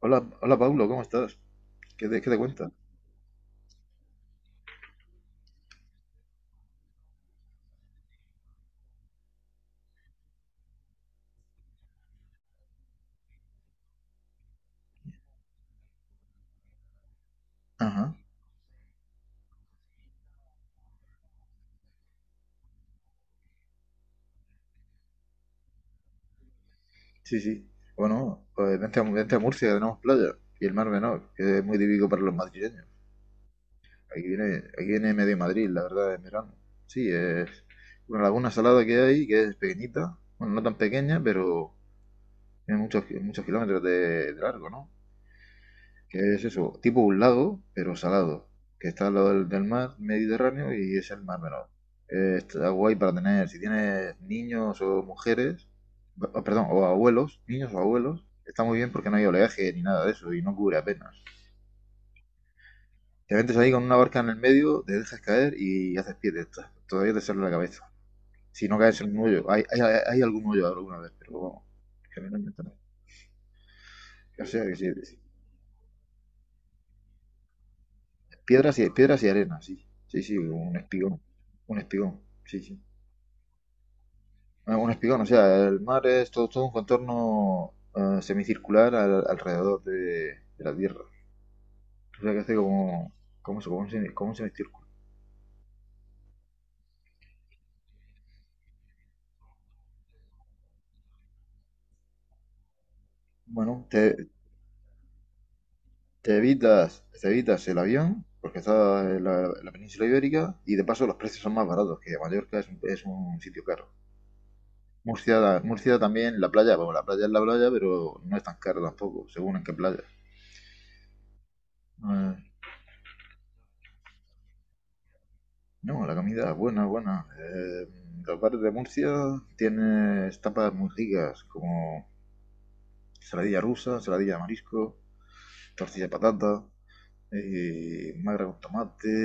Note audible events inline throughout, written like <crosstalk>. Hola, hola Paulo, ¿cómo estás? ¿Qué te cuentas? Ajá, sí, sí. Bueno, pues vente a Murcia, que tenemos playa. Y el Mar Menor, que es muy típico para los madrileños. Aquí viene medio Madrid, la verdad, en verano. Sí, es una laguna salada que hay, que es pequeñita. Bueno, no tan pequeña, pero tiene muchos, muchos kilómetros de largo, ¿no? Que es eso, tipo un lago, pero salado, que está al lado del mar Mediterráneo y es el Mar Menor. Está guay para tener, si tienes niños o mujeres, perdón, o abuelos, niños o abuelos, está muy bien porque no hay oleaje ni nada de eso y no cubre apenas. Te metes ahí con una barca en el medio, te dejas caer y haces pie de esta. Todavía te sale la cabeza. Si no caes en un hoyo, hay algún hoyo alguna vez, pero vamos, generalmente no. O sea que sí, sí. Piedras y arena, sí. Sí, sí, un espigón. Un espigón, sí, sí. Ah, un espigón, o sea, el mar es todo, todo un contorno semicircular alrededor de la Tierra. O sea, que hace como, como, eso, como un, como un semicírculo. Bueno, te evitas el avión, porque está en la península ibérica, y de paso los precios son más baratos, que Mallorca es un sitio caro. Murcia, Murcia también, la playa, bueno, la playa es la playa, pero no es tan cara tampoco, según en qué playa. No No, la comida, buena, buena. Los bares de Murcia tienes tapas muy ricas, como saladilla rusa, saladilla de marisco, tortilla de patata, magra con tomate,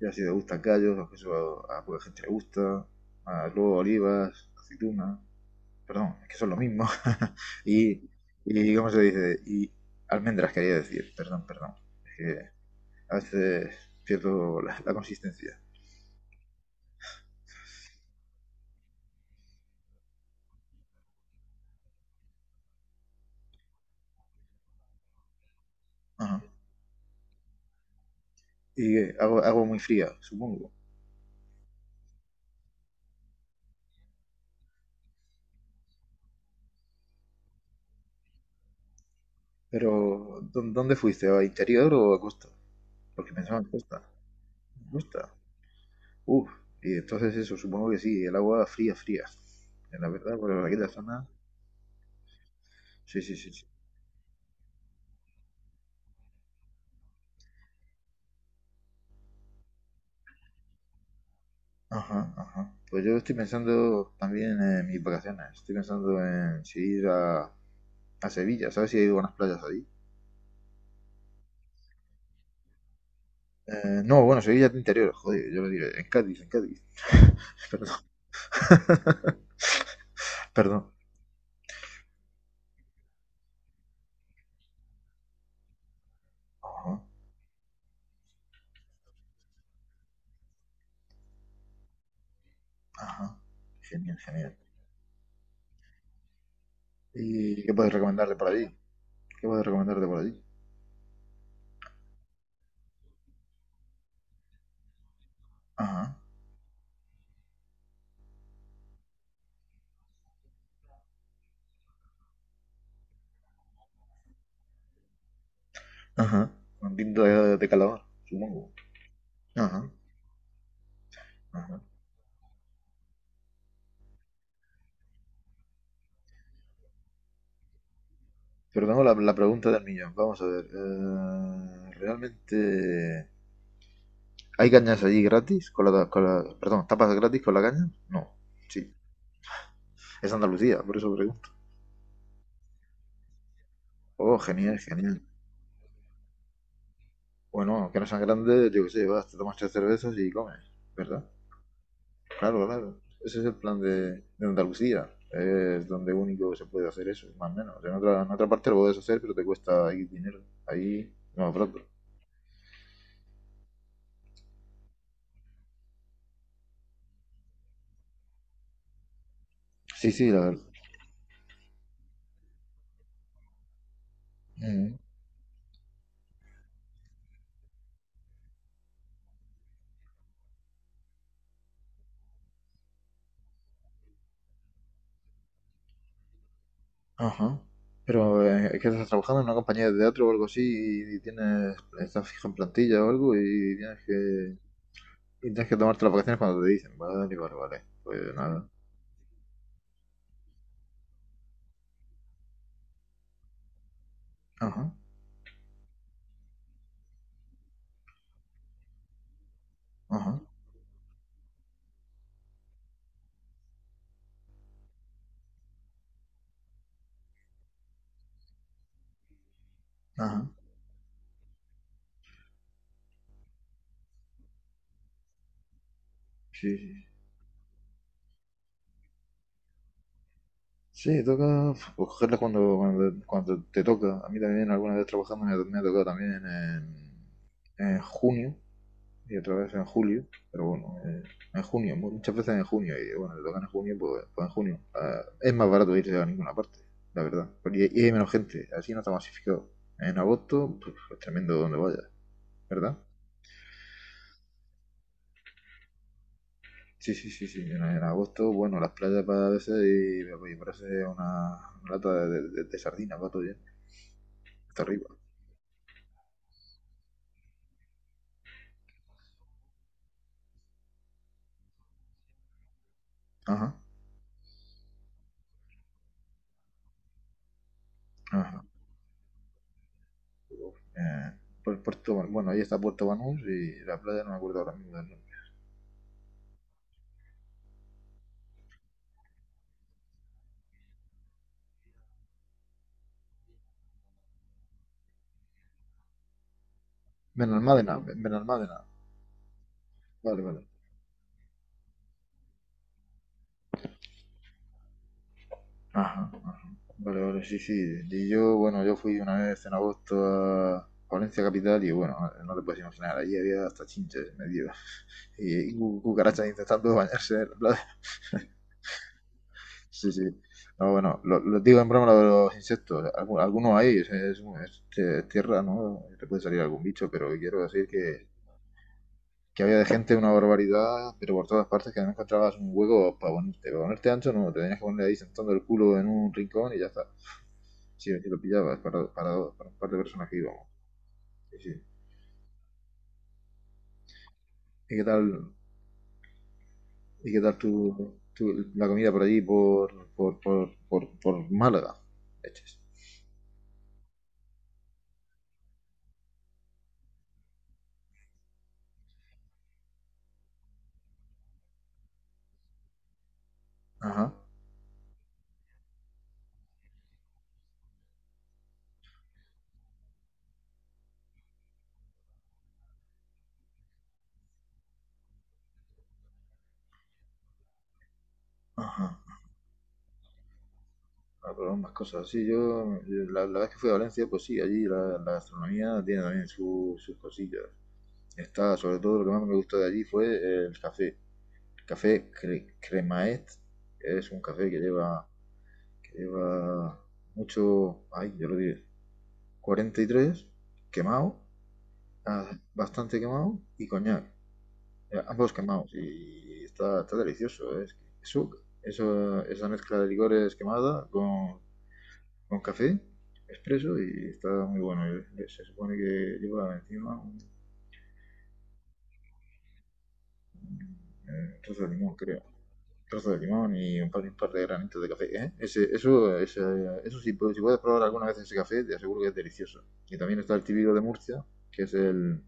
ya si te gustan callos, que eso a poca gente le gusta, más luego olivas, aceitunas, perdón, es que son lo mismo, <laughs> y, y, ¿cómo se dice? Y almendras quería decir, perdón, perdón, es que a veces pierdo la consistencia. Ajá. Y agua muy fría, supongo. Pero, ¿dónde fuiste? ¿A interior o a costa? Porque pensaba en costa. Costa. Uf. Y entonces eso, supongo que sí, el agua fría, fría. La verdad, por aquella zona. Sí, sí, sí, sí. Ajá, ajá. Pues yo estoy pensando también en mis vacaciones. Estoy pensando en si ir a Sevilla. ¿Sabes si hay buenas playas allí? No, bueno, Sevilla es de interior. Joder, yo lo diré. En Cádiz, en Cádiz. Perdón. <laughs> Perdón. Ajá, ajá. Genial, genial. ¿Y qué puedes recomendarle por allí? ¿Qué puedo recomendarte por allí? Ajá, ajá. Un tinto de calamar, supongo. Ajá, ajá. Pero tengo la pregunta del millón. Vamos a ver. ¿Realmente hay cañas allí gratis? Con la, perdón, ¿tapas gratis con la caña? No. Sí. Es Andalucía, por eso pregunto. Oh, genial, genial. Bueno, que no sean grandes, yo qué sé, vas, te tomas tres cervezas y comes, ¿verdad? Claro, claro. Ese es el plan de Andalucía. Es donde único se puede hacer eso, más o menos. En otra parte lo puedes hacer, pero te cuesta ahí dinero. Ahí, no, pronto. Sí, sí, la verdad. Mm, ajá. Pero es que estás trabajando en una compañía de teatro o algo así y, tienes, estás fija en plantilla o algo y tienes que tomarte las vacaciones cuando te dicen. Vale, vale, vale. Pues nada. Ajá, ajá, ajá. Sí, sí. Sí, toca pues, cogerla cuando, cuando, cuando te toca. A mí también alguna vez trabajando me ha tocado también en junio y otra vez en julio, pero bueno, en junio, muchas veces en junio y bueno, te tocan en junio, pues en junio. Ah, es más barato irse a ninguna parte, la verdad. Porque- Y, hay menos gente, así no está masificado. En agosto, pues, es tremendo donde vayas, ¿verdad? Sí, sí, sí, sí. En agosto, bueno, las playas para veces y parece una lata de sardinas, va todo bien. Hasta arriba. Ajá. Ajá. eh, por Puerto Bueno, ahí está Puerto Banús y la playa no me acuerdo ahora mismo del nombre. Benalmádena, Benalmádena. Vale, vale. Ajá, vale, vale, sí, sí. Y yo, bueno, yo fui una vez en agosto a Valencia capital y bueno, vale, no te puedes imaginar, allí había hasta chinches medio y cucarachas intentando bañarse en la playa. Sí, sí. No, bueno, lo digo en broma lo de los insectos. Algunos hay, es, tierra, ¿no? Te puede salir algún bicho, pero quiero decir que había de gente una barbaridad, pero por todas partes, que no encontrabas un hueco para ponerte. Para ponerte ancho, no, te tenías que poner ahí sentando el culo en un rincón y ya está. Si sí, aquí lo pillabas para, un par de personas que íbamos. Sí, sí. ¿Y qué tal, y qué tal la comida por allí, por Málaga? Leches. Ajá, ajá. Ah, pero más cosas. Sí, yo vez que fui a Valencia, pues sí, allí la gastronomía tiene también sus cosillas. Está, sobre todo, lo que más me gustó de allí fue el café. Café Cremaet es un café que lleva mucho, ay, yo lo diré, 43 quemado, ah, bastante quemado, y coñac, ambos quemados, y está, está delicioso, ¿eh? Es que eso, esa mezcla de licores quemada con café expreso y está muy bueno. Se supone que lleva encima un, trozo de limón, creo. Trozo de limón y un par de granitos de café. ¿Eh? Ese, eso, eso sí, pues, si puedes probar alguna vez ese café, te aseguro que es delicioso. Y también está el típico de Murcia, que es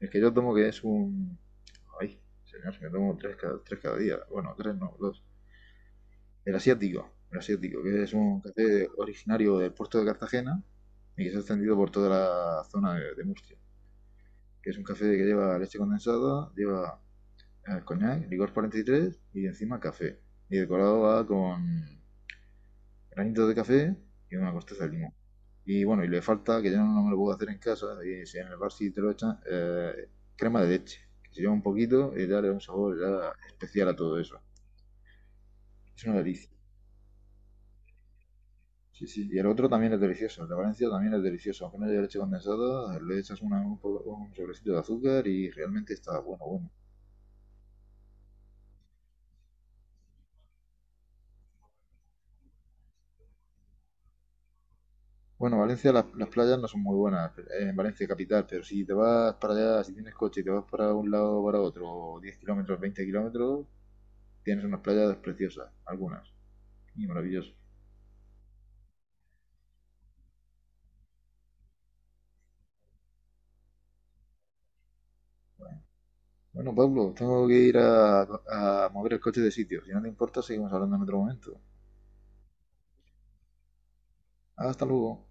el que yo tomo, que es un... Ay, señor, me tomo tres cada día. Bueno, tres no, dos. El asiático, que es un café originario del puerto de Cartagena y que se ha extendido por toda la zona de Murcia. Que es un café que lleva leche condensada, lleva coñac, licor 43 y tres y encima café. Y decorado va con granitos de café y una corteza de limón. Y bueno, y le falta, que yo no me lo puedo hacer en casa, y si en el bar sí te lo echan, crema de leche, que se lleva un poquito y da un sabor ya especial a todo eso. Es una delicia. Sí, sí. Y el otro también es delicioso, el de Valencia también es delicioso. Aunque no lleve leche condensada, le echas un sobrecito de azúcar y realmente está bueno, bueno. Bueno, Valencia las playas no son muy buenas, en Valencia capital, pero si te vas para allá, si tienes coche y te vas para un lado o para otro, 10 kilómetros, 20 kilómetros, tienes unas playas preciosas, algunas, y maravilloso. Bueno, Pablo, tengo que ir a mover el coche de sitio. Si no te importa, seguimos hablando en otro momento. Hasta luego.